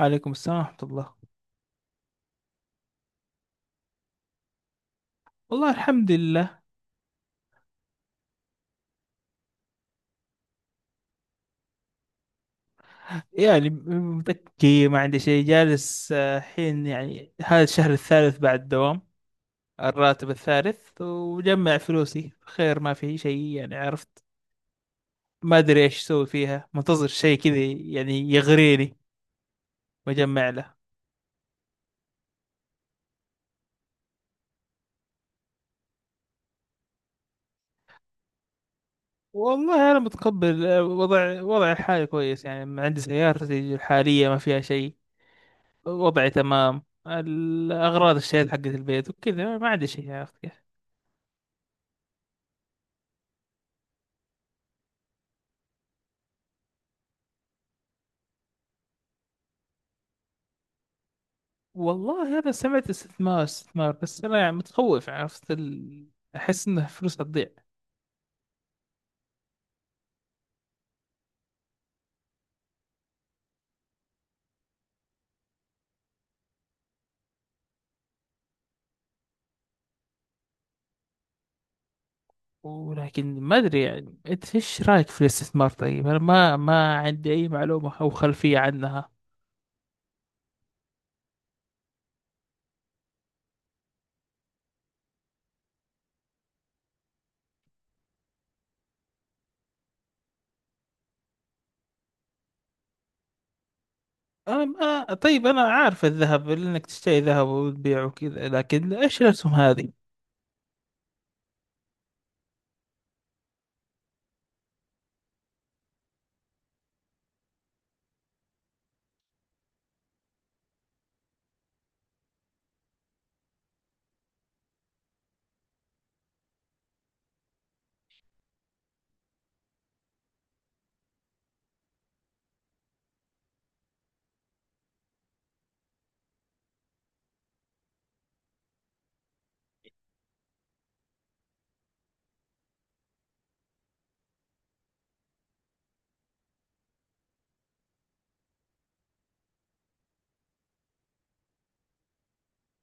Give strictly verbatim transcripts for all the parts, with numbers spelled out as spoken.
عليكم السلام ورحمة الله. والله الحمد لله. يعني متكي ما عندي شيء جالس، آه، حين يعني هذا الشهر الثالث بعد الدوام الراتب الثالث، وجمع فلوسي خير، ما في شيء يعني، عرفت. ما أدري إيش أسوي فيها، منتظر شيء كذا يعني يغريني وأجمع له. والله أنا متقبل، آه، وضع وضع الحالي كويس، يعني عندي سيارتي الحالية ما فيها شيء، وضعي تمام. الأغراض اشتريت حقت البيت وكذا، ما عندي شيء يا أخي. والله أنا سمعت استثمار استثمار بس أنا يعني متخوف، عرفت ال... أحس إنه فلوس هتضيع. ولكن ما أدري، يعني أنت إيش رأيك في الاستثمار؟ طيب أنا ما ما عندي أي معلومة أو خلفية عنها. أم آه طيب، أنا عارف الذهب لأنك تشتري ذهب وتبيعه وكذا، لكن إيش الأسهم هذه؟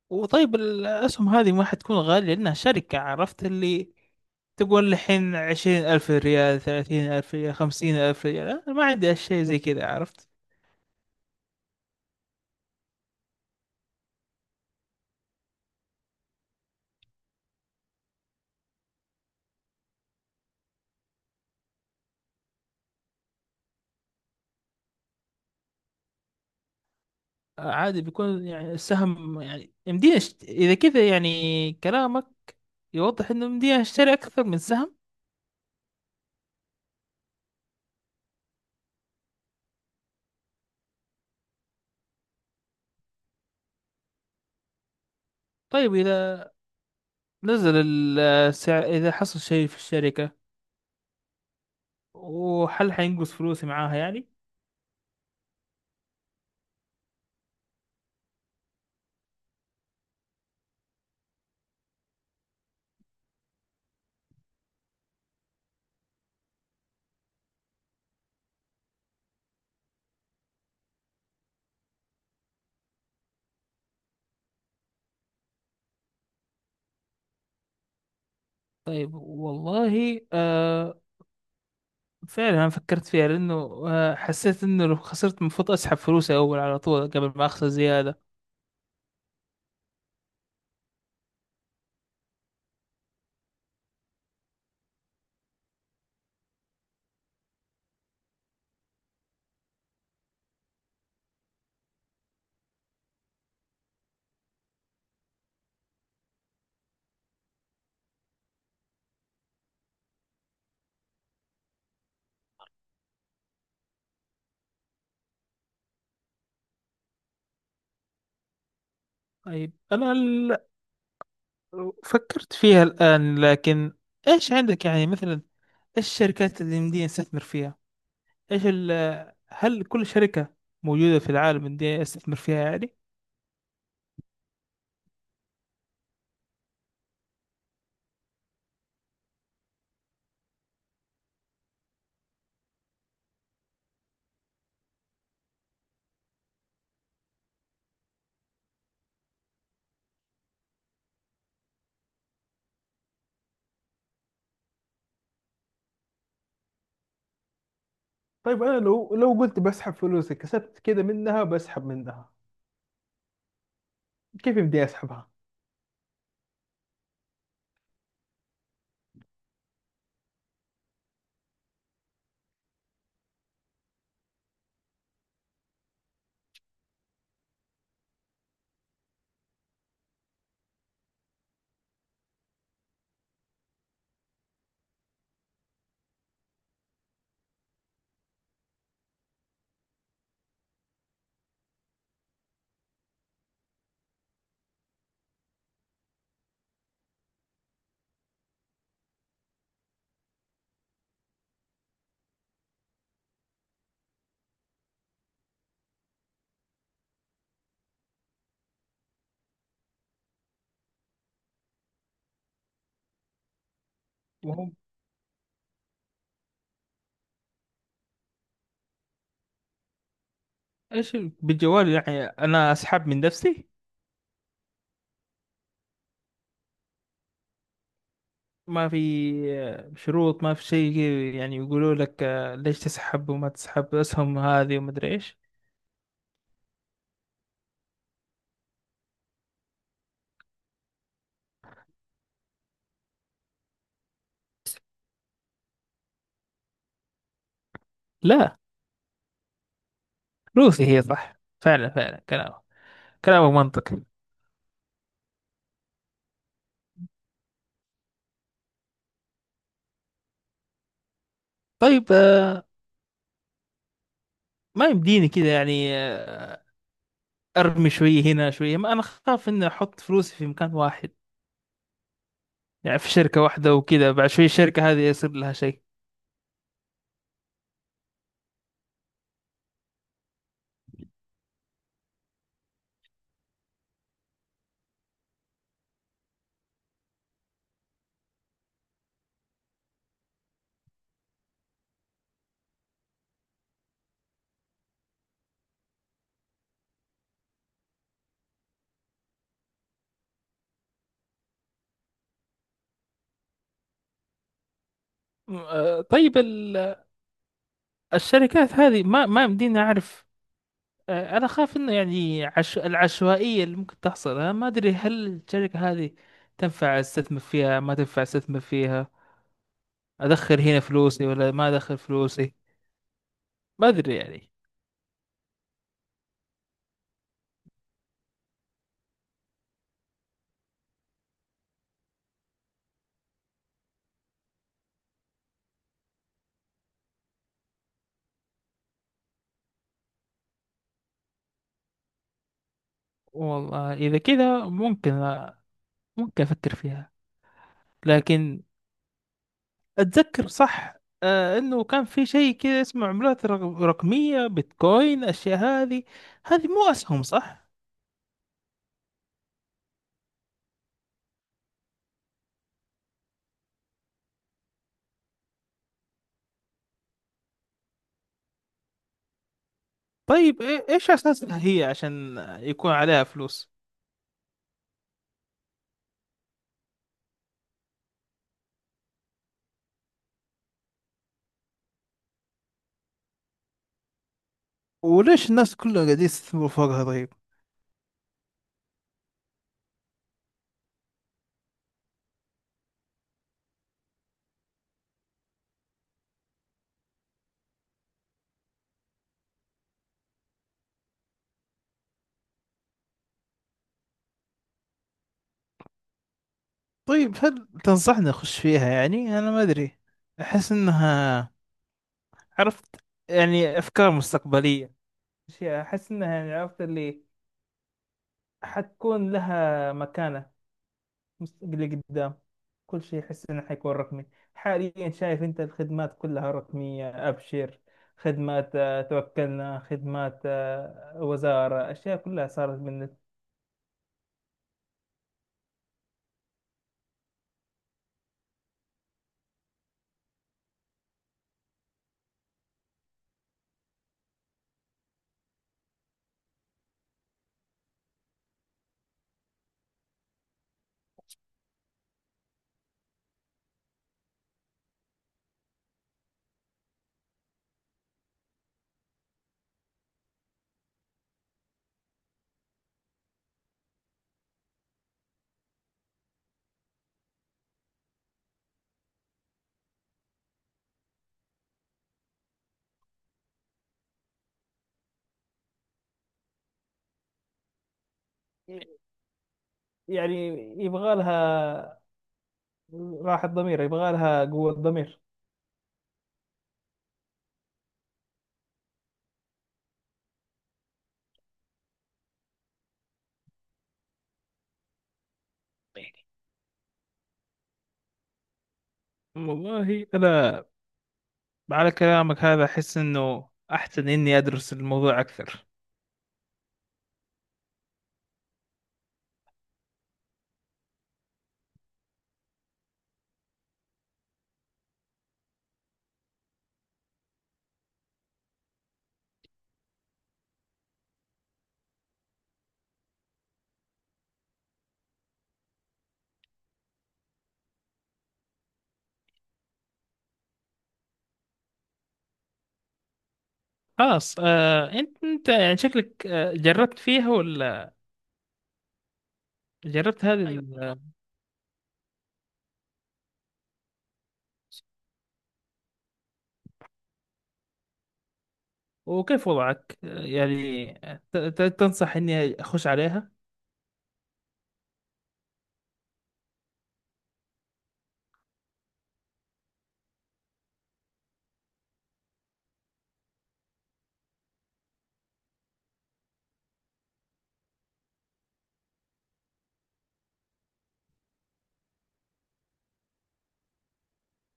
وطيب، الأسهم هذه ما حتكون غالية لأنها شركة، عرفت اللي تقول الحين عشرين ألف ريال، ثلاثين ألف ريال، خمسين ألف ريال؟ أنا ما عندي أشياء زي كذا، عرفت. عادي بيكون يعني السهم، يعني يمديني أشت... إذا كذا يعني، كلامك يوضح إنه يمديني أشتري أكثر من سهم. طيب، إذا نزل ال- السعر، إذا حصل شيء في الشركة، وهل حينقص فلوسي معاها يعني؟ طيب والله، آه فعلا أنا فكرت فيها لأنه، آه حسيت إنه لو خسرت المفروض أسحب فلوسي أول على طول قبل ما أخسر زيادة. طيب، أنا ال... فكرت فيها الآن، لكن إيش عندك يعني؟ مثلا إيش الشركات اللي يمديني أستثمر فيها؟ ايش ال هل كل شركة موجودة في العالم ان دي استثمر فيها يعني؟ طيب انا لو لو قلت بسحب فلوسي كسبت كده منها، بسحب منها كيف بدي اسحبها؟ وهم. ايش ال- بالجوال؟ يعني انا اسحب من نفسي؟ ما في شروط، ما في شيء كذا يعني، يقولوا لك آه، ليش تسحب وما تسحب اسهم هذه وما ادري ايش؟ لا، فلوسي هي صح. فعلا فعلا كلامك كلامك منطقي. طيب، آه، ما يمديني كذا يعني؟ آه، ارمي شويه هنا شويه، ما انا خاف اني احط فلوسي في مكان واحد يعني، في شركه واحده وكذا بعد شويه الشركه هذه يصير لها شيء. م- آه، طيب ال- الشركات هذه ما ما يمديني اعرف، آه، انا خاف انه يعني عش... العشوائيه اللي ممكن تحصل. انا ما ادري هل الشركه هذه تنفع استثمر فيها ما تنفع استثمر فيها، ادخل هنا فلوسي ولا ما ادخل فلوسي؟ ما ادري يعني. والله اذا كذا ممكن ممكن افكر فيها. لكن اتذكر صح، آه انه كان في شيء كده اسمه عملات رق- رقمية، بيتكوين اشياء هذه. هذه مو اسهم صح؟ طيب، إي- ايش اساسها هي عشان يكون عليها فلوس؟ وليش الناس كلها قاعدين يستثمروا فوقها طيب؟ طيب، هل تنصحني اخش فيها؟ يعني انا ما ادري، احس انها، عرفت، يعني افكار مستقبلية، أشياء احس انها يعني، عرفت اللي حتكون لها مكانة مستقبلي قدام. كل شيء أحس إنه حيكون رقمي. حاليا شايف أنت الخدمات كلها رقمية، أبشر خدمات، آه، توكلنا خدمات، آه، وزارة، أشياء كلها صارت من. يعني يبغى لها راحة ضمير، يبغى لها قوة ضمير. والله أنا على كلامك هذا أحس إنه أحسن إني أدرس الموضوع أكثر. خلاص، آه أنت أنت يعني شكلك آه، جربت فيها ولا؟ جربت هذه أيوة. ال- أيوة. وكيف وضعك يعني؟ ت- ت- تنصح اني اخش عليها؟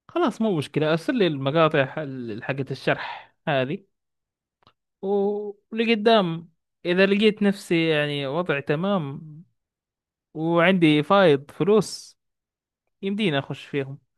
خلاص مو مشكلة، ارسل لي المقاطع حل- حقت الشرح هذه، و- ولقدام اذا لقيت نفسي يعني وضعي تمام وعندي فايض فلوس يمديني اخش فيهم.